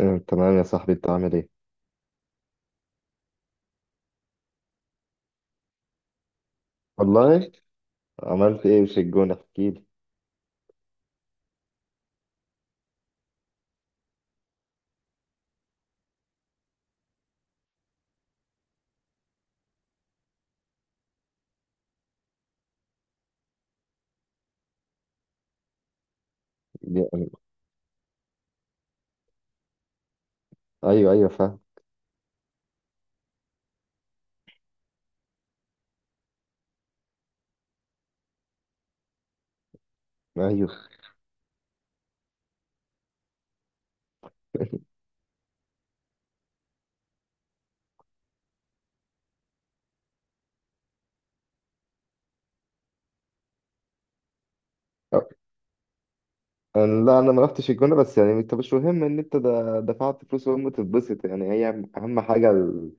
آه، تمام يا صاحبي، انت عامل ايه؟ والله. عملت ايه في الجونة، احكي لي يا- ايوه ايوه، فاهم. ايوه. أه، أنا- لا، انا ما رحتش الجونة، بس يعني انت مش مهم ان انت دفعت فلوس وهم تتبسط، يعني هي اهم حاجة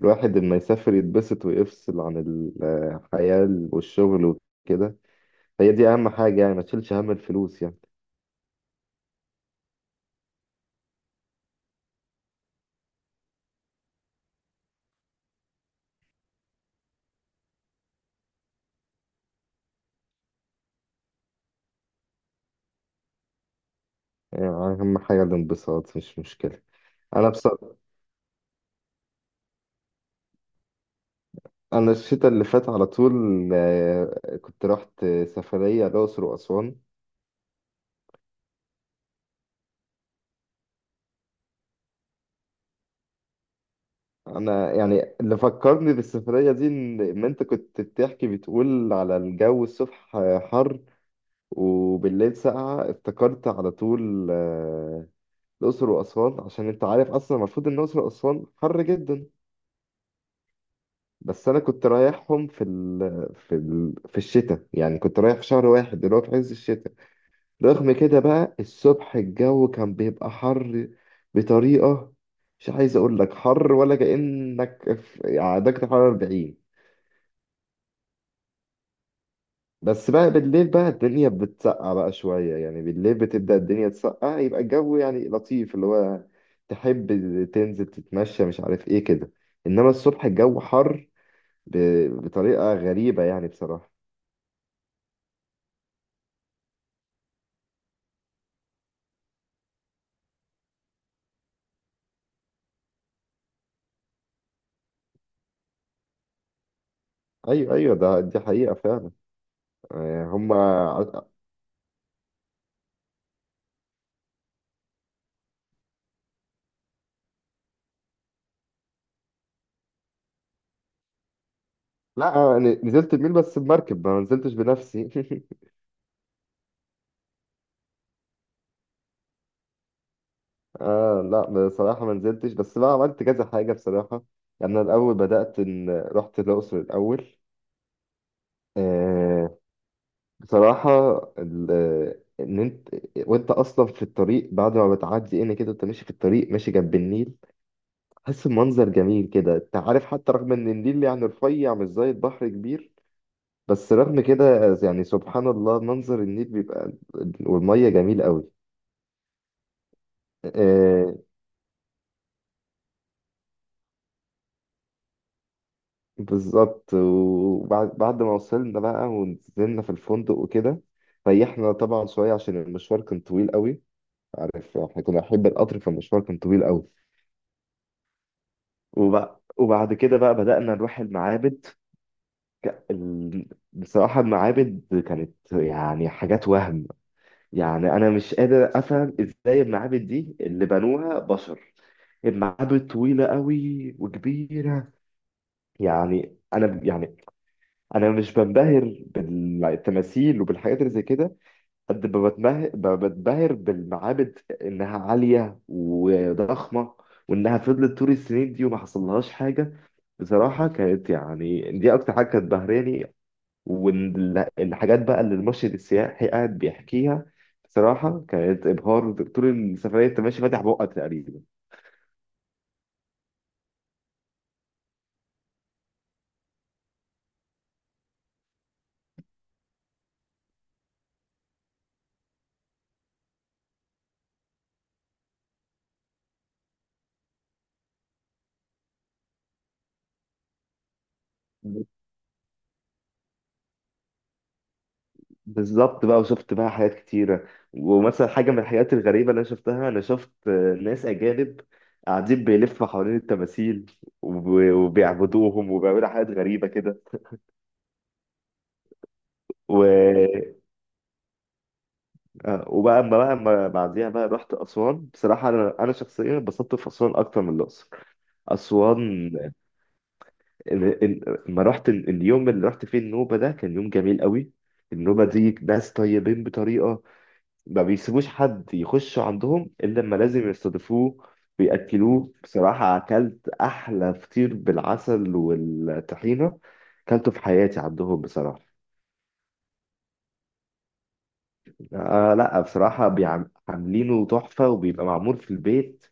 الواحد لما يسافر يتبسط ويفصل عن الحياة والشغل وكده. هي دي اهم حاجة، يعني ما تشيلش هم الفلوس يعني. يعني اهم حاجة الانبساط، مش مشكلة. انا بصراحة، انا الشتاء اللي فات على طول كنت رحت سفرية الأقصر وأسوان. انا يعني اللي فكرني بالسفريه دي ان إن انت كنت بتحكي بتقول على الجو الصبح حر وبالليل ساقعه، افتكرت على طول الاقصر واسوان، عشان انت عارف اصلا المفروض ان الاقصر واسوان حر جدا. بس انا كنت رايحهم في الشتاء، يعني كنت رايح في شهر واحد اللي هو في عز الشتاء. رغم كده بقى الصبح الجو كان بيبقى حر بطريقه، مش عايز اقول لك حر ولا كأنك في يعني درجة حرارة 40. بس بقى بالليل بقى الدنيا بتسقع بقى شوية، يعني بالليل بتبدأ الدنيا تسقع يبقى الجو يعني لطيف، اللي هو تحب تنزل تتمشى مش عارف ايه كده. انما الصبح الجو حر ب... بطريقة غريبة يعني، بصراحة. ايوه ايوه، دي حقيقة فعلا. آه، هما ع- لا، نزلت الميل بس بمركب، ما نزلتش بنفسي. آه لا، بصراحة ما نزلتش، بس بقى عملت كذا حاجة بصراحة. يعني أنا الأول بدأت إن رحت الأقصر الأول. آه، بصراحة ال- إن أنت وأنت أصلا في الطريق، بعد ما بتعدي إن كده أنت ماشي في الطريق، ماشي جنب النيل، تحس بمنظر جميل كده. أنت عارف حتى رغم إن النيل يعني رفيع مش زي البحر كبير، بس رغم كده يعني سبحان الله، منظر النيل بيبقى والمية جميل قوي. آه، بالظبط. وبعد ما وصلنا بقى ونزلنا في الفندق وكده، ريحنا طبعا شوية عشان المشوار كان طويل قوي. عارف احنا كنا بنحب القطر، فالمشوار كان طويل قوي. وبعد كده بقى بدأنا نروح المعابد. ال- بصراحة المعابد كانت يعني حاجات وهم. يعني أنا مش قادر أفهم إزاي المعابد دي اللي بنوها بشر. المعابد طويلة قوي وكبيرة. يعني أنا يعني أنا مش بنبهر بالتماثيل وبالحاجات اللي زي كده، قد ما بتبهر بالمعابد انها عاليه وضخمه، وانها فضلت طول السنين دي وما حصلهاش حاجه. بصراحه كانت يعني دي اكتر حاجه كانت بهراني. والحاجات بقى اللي المرشد السياحي قاعد بيحكيها، بصراحه كانت ابهار. طول السفريه انت ماشي فاتح بقك تقريبا. بالظبط بقى، وشفت بقى حاجات كتيرة. ومثلا حاجة من الحاجات الغريبة اللي أنا شفتها، أنا شفت ناس أجانب قاعدين بيلفوا حوالين التماثيل وبيعبدوهم وبيعملوا حاجات غريبة كده. و... آه، وبقى أما بعديها بقى رحت أسوان. بصراحة أنا أنا شخصيا اتبسطت في أسوان أكتر من الأقصر. أسوان ما رحت اليوم اللي رحت فيه النوبة ده كان يوم جميل قوي. النوبة دي ناس طيبين بطريقة، ما بيسيبوش حد يخشوا عندهم الا لما لازم يستضيفوه ويأكلوه. بصراحة اكلت احلى فطير بالعسل والطحينة اكلته في حياتي عندهم بصراحة. آه لا، بصراحة عاملينه تحفة وبيبقى معمول في البيت،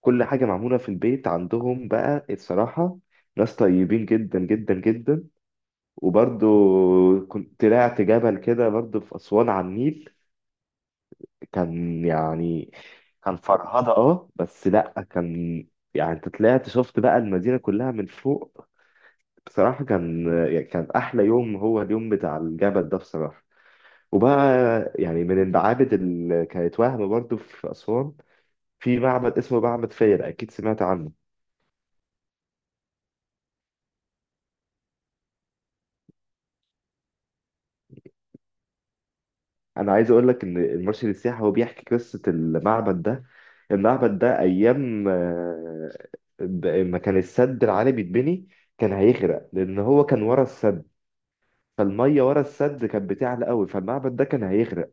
كل حاجة معمولة في البيت عندهم بقى الصراحة. ناس طيبين جدا جدا جدا. وبرضو كنت طلعت جبل كده برضو في أسوان على النيل. كان يعني كان فرهضة، بس لا، كان يعني انت طلعت شفت بقى المدينة كلها من فوق. بصراحة كان يعني كان أحلى يوم هو اليوم بتاع الجبل ده بصراحة. وبقى يعني من المعابد اللي كانت وهم برضو في أسوان، في معبد اسمه معبد فيلة، أكيد سمعت عنه. أنا عايز أقول لك إن المرشد السياحي هو بيحكي قصة المعبد ده. المعبد ده أيام ما كان السد العالي بيتبني، كان هيغرق، لأن هو كان ورا السد، فالميه ورا السد كانت بتعلى قوي فالمعبد ده كان هيغرق.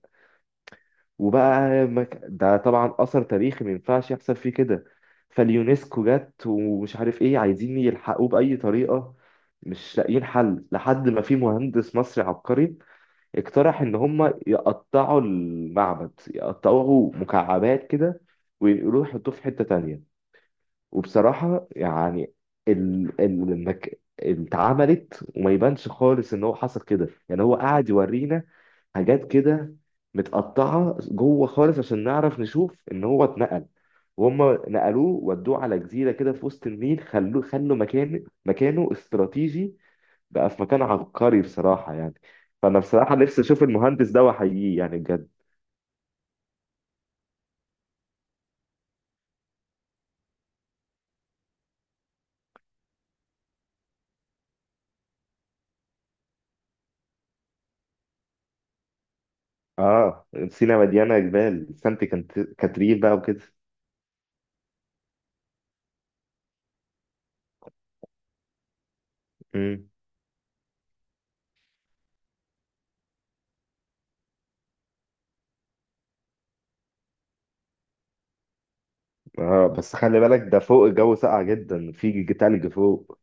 وبقى ده طبعا اثر تاريخي ما ينفعش يحصل فيه كده. فاليونسكو جت ومش عارف ايه، عايزين يلحقوه باي طريقه، مش لاقيين حل لحد ما في مهندس مصري عبقري اقترح ان هم يقطعوا المعبد، يقطعوه مكعبات كده، ويروحوا يحطوه في حته تانية. وبصراحة يعني ال ال اتعملت، وما يبانش خالص ان هو حصل كده، يعني هو قاعد يورينا حاجات كده متقطعة جوه خالص عشان نعرف نشوف ان هو اتنقل. وهم نقلوه ودوه على جزيرة كده في وسط النيل، خلوا مكانه استراتيجي، بقى في مكان عبقري بصراحة يعني. فأنا بصراحة نفسي أشوف المهندس ده وأحييه، يعني بجد. آه، سينا مليانة جبال، سانت كاترين بقى وكده. مم. اه، بس خلي بالك ده فوق الجو ساقع جدا، في تلج فوق.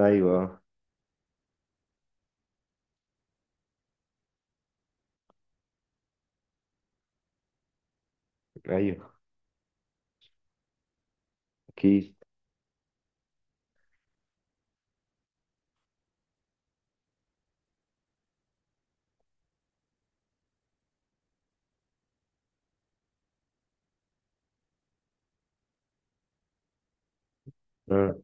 ايوه ايوه، اكيد. آه.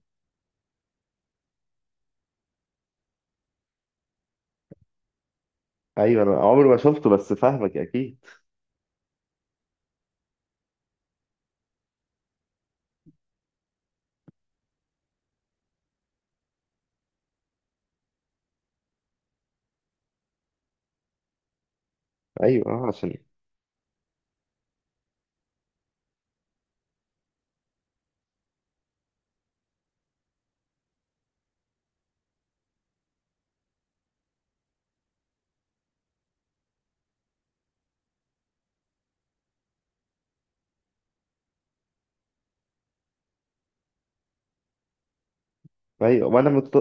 ايوه، انا عمري ما شفته بس فاهمك اكيد. ايوه، عشان. ايوه،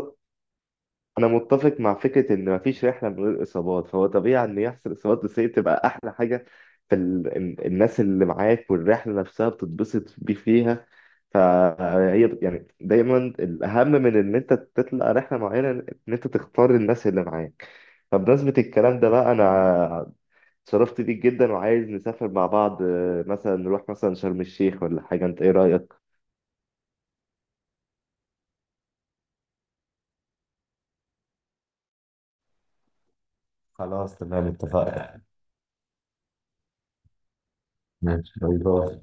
انا متفق مع فكره ان مفيش رحله من غير اصابات، فهو طبيعي ان يحصل اصابات، بس هي بتبقى احلى حاجه الناس اللي معاك، والرحله نفسها بتتبسط بيه فيها. فهي يعني دايما الاهم من ان انت تطلع رحله معينه ان انت تختار الناس اللي معاك. فبمناسبة الكلام ده بقى، أنا اتشرفت بيك جدا وعايز نسافر مع بعض، مثلا نروح مثلا شرم الشيخ ولا حاجة. أنت إيه رأيك؟ خلاص تمام، اتفقنا. ماشي، باي باي.